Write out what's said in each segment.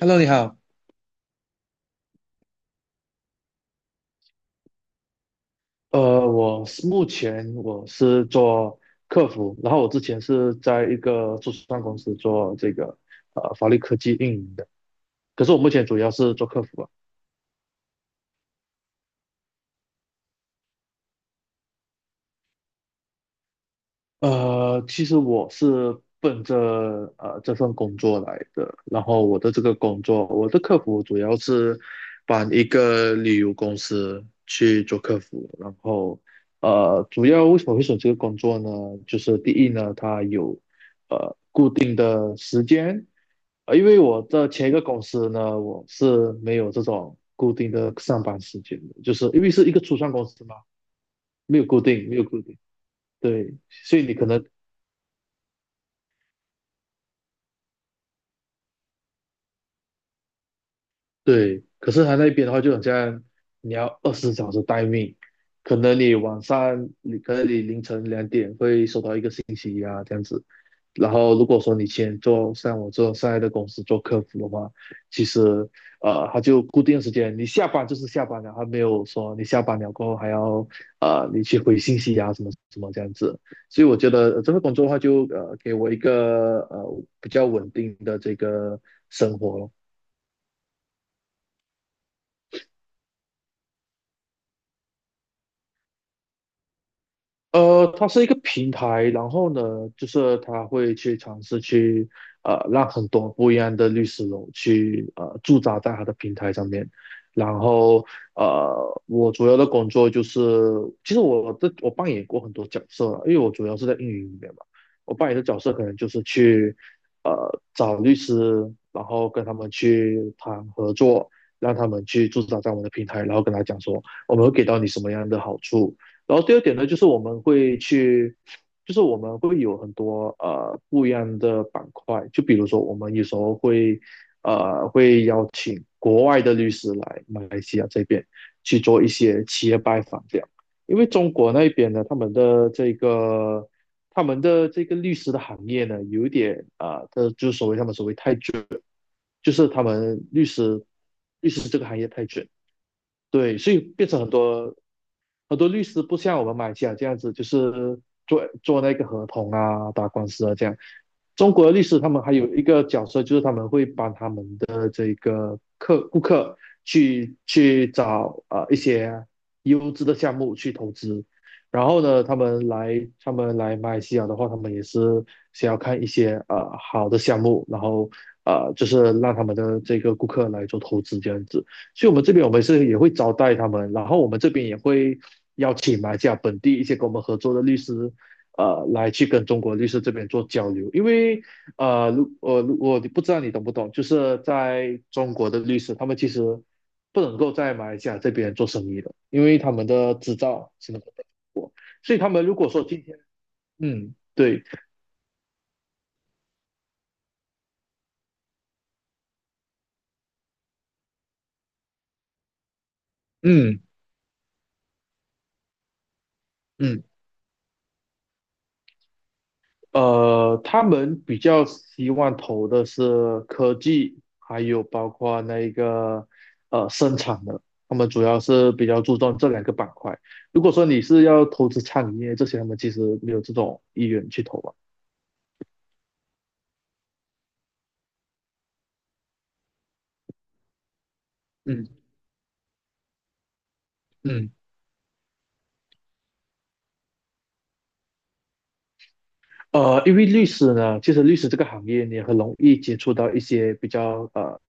Hello，你好。呃，我是目前做客服，然后我之前是在一个初创公司做这个法律科技运营的，可是我目前主要是做客服啊。其实我是奔着这份工作来的，然后我的这个工作，我的客服主要是帮一个旅游公司去做客服，然后主要为什么会选这个工作呢？就是第一呢，它有定的时间，啊，因为我的前一个公司呢，我是没有这种固定的上班时间的，就是因为是一个初创公司嘛，没有固定，没有固定，对，所以你可能。对，可是他那边的话，就好像你要20小时待命，可能你晚上，你可能你凌晨2点会收到一个信息啊，这样子。然后如果说你先做像我做现在的公司做客服的话，其实他就固定时间，你下班就是下班了，他没有说你下班了过后还要你去回信息啊什么什么这样子。所以我觉得这份工作的话就，给我一个比较稳定的这个生活咯。它是一个平台，然后呢，就是它会去尝试去让很多不一样的律师楼去驻扎在他的平台上面。然后我主要的工作就是，其实我扮演过很多角色了，因为我主要是在运营里面嘛，我扮演的角色可能就是去找律师，然后跟他们去谈合作，让他们去驻扎在我们的平台，然后跟他讲说我们会给到你什么样的好处。然后第二点呢，就是我们会去，就是我们会有很多不一样的板块，就比如说我们有时候会邀请国外的律师来马来西亚这边去做一些企业拜访这样，因为中国那边呢，他们的这个律师的行业呢，有点啊，就是所谓他们所谓太卷，就是他们律师这个行业太卷。对，所以变成很多很多律师不像我们马来西亚这样子，就是做做那个合同啊、打官司啊这样。中国的律师他们还有一个角色，就是他们会帮他们的这个顾客去找一些优质的项目去投资。然后呢，他们来马来西亚的话，他们也是想要看一些好的项目，然后就是让他们的这个顾客来做投资这样子。所以我们这边我们是也会招待他们，然后我们这边也会邀请马来西亚本地一些跟我们合作的律师，来去跟中国律师这边做交流。因为如我不知道你懂不懂，就是在中国的律师，他们其实不能够在马来西亚这边做生意的，因为他们的执照什么的。所以他们如果说今天，嗯，对，嗯嗯。他们比较希望投的是科技，还有包括那个生产的，他们主要是比较注重这两个板块。如果说你是要投资餐饮业这些，他们其实没有这种意愿去投吧。嗯嗯，因为律师呢，其实律师这个行业你很容易接触到一些比较呃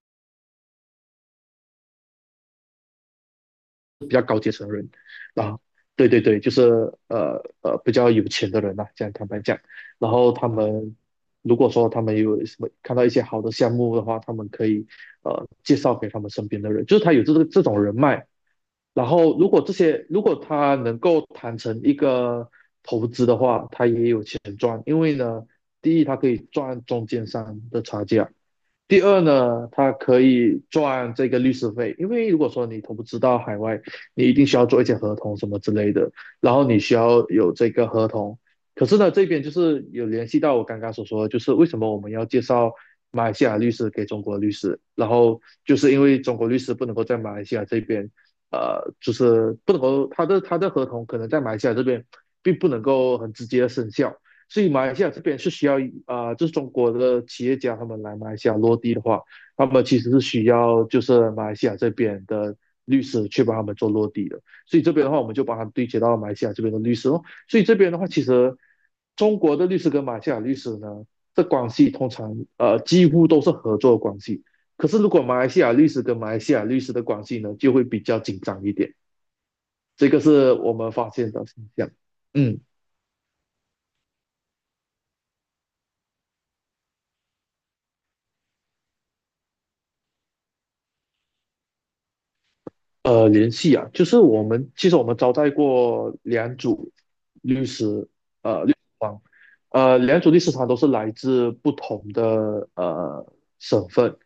比较高阶层的人啊，对对对，就是比较有钱的人呐、这样坦白讲，然后他们如果说他们有什么看到一些好的项目的话，他们可以介绍给他们身边的人，就是他有这个这种人脉，然后如果这些如果他能够谈成一个投资的话，他也有钱赚，因为呢，第一他可以赚中间商的差价。第二呢，他可以赚这个律师费，因为如果说你投资到海外，你一定需要做一些合同什么之类的，然后你需要有这个合同。可是呢，这边就是有联系到我刚刚所说的就是为什么我们要介绍马来西亚律师给中国律师，然后就是因为中国律师不能够在马来西亚这边，就是不能够他的合同可能在马来西亚这边并不能够很直接的生效，所以马来西亚这边是需要啊、就是中国的企业家他们来马来西亚落地的话，他们其实是需要就是马来西亚这边的律师去帮他们做落地的。所以这边的话，我们就帮他们对接到马来西亚这边的律师咯。所以这边的话，其实中国的律师跟马来西亚律师呢，这关系通常几乎都是合作的关系。可是如果马来西亚律师跟马来西亚律师的关系呢，就会比较紧张一点。这个是我们发现的现象。嗯。联系啊，就是我们其实招待过两组律师，律师团，两组律师团都是来自不同的省份，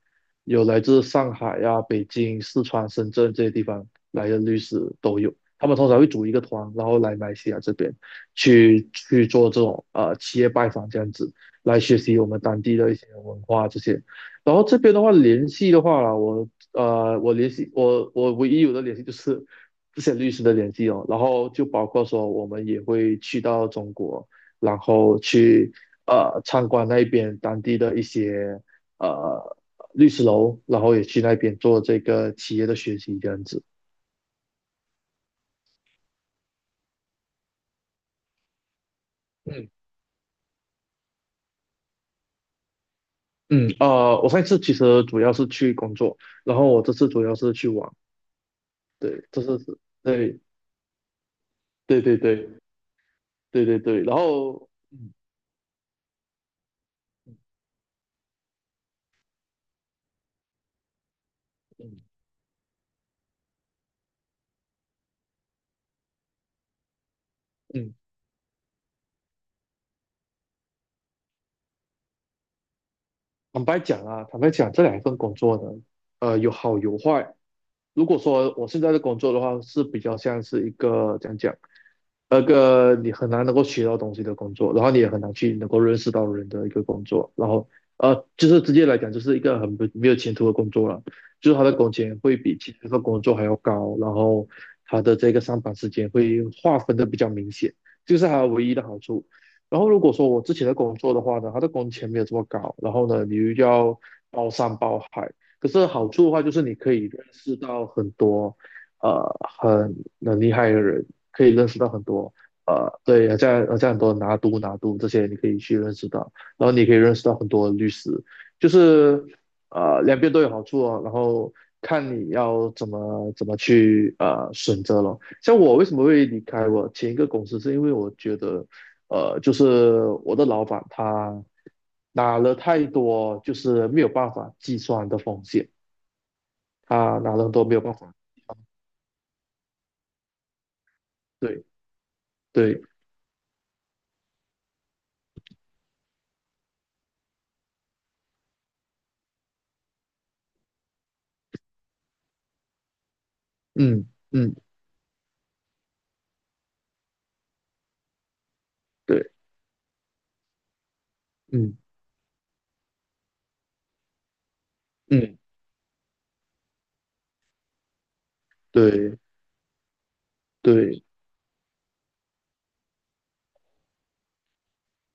有来自上海呀、北京、四川、深圳这些地方来的律师都有。他们通常会组一个团，然后来马来西亚这边去做这种企业拜访这样子，来学习我们当地的一些文化这些。然后这边的话，联系的话啦我唯一有的联系就是这些律师的联系哦，然后就包括说我们也会去到中国，然后去参观那边当地的一些呃律师楼，然后也去那边做这个企业的学习这样子。嗯嗯，我上一次其实主要是去工作，然后我这次主要是去玩，对，这是对对对对对对对，然后嗯嗯嗯。坦白讲啊，坦白讲，这两份工作呢，有好有坏。如果说我现在的工作的话，是比较像是一个讲讲，那个你很难能够学到东西的工作，然后你也很难去能够认识到人的一个工作，然后就是直接来讲，就是一个很不没有前途的工作了，就是他的工钱会比其他的工作还要高，然后他的这个上班时间会划分的比较明显，这个是他唯一的好处。然后如果说我之前的工作的话呢，他的工钱没有这么高，然后呢，你又要包山包海，可是好处的话就是你可以认识到很多。呃很很厉害的人，可以认识到很多对，好像好像很多拿督拿督这些你可以去认识到，然后你可以认识到很多律师，就是两边都有好处哦，然后看你要怎么去选择了。像我为什么会离开我前一个公司，是因为我觉得就是我的老板他。拿了太多就是没有办法计算的风险，他拿了很多没有办法，对对，嗯嗯，对，嗯嗯，对对，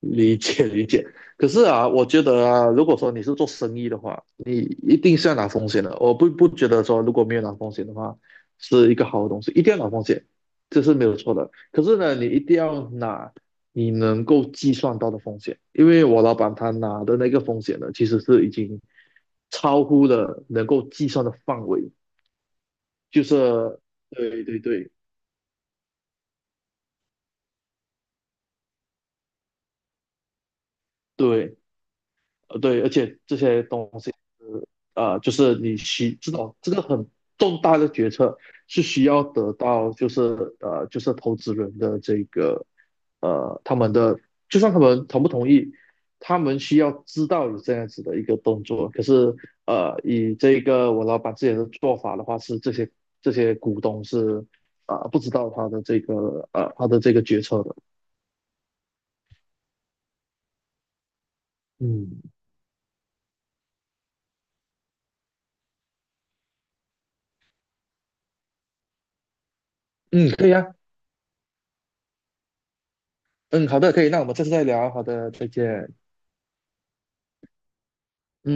理解理解。可是啊，我觉得啊，如果说你是做生意的话，你一定是要拿风险的。我不觉得说如果没有拿风险的话，是一个好的东西，一定要拿风险，这是没有错的。可是呢，你一定要拿你能够计算到的风险，因为我老板他拿的那个风险呢，其实是已经超乎了能够计算的范围，就是对对对对。对，而且这些东西，就是你需知道这个很重大的决策是需要得到，就是就是投资人的这个他们的就算他们同不同意，他们需要知道有这样子的一个动作。可是以这个我老板自己的做法的话，是这些股东是啊、不知道他的这个他的这个决策的。嗯嗯，可以啊，嗯，好的，可以，那我们下次再聊，好的，再见。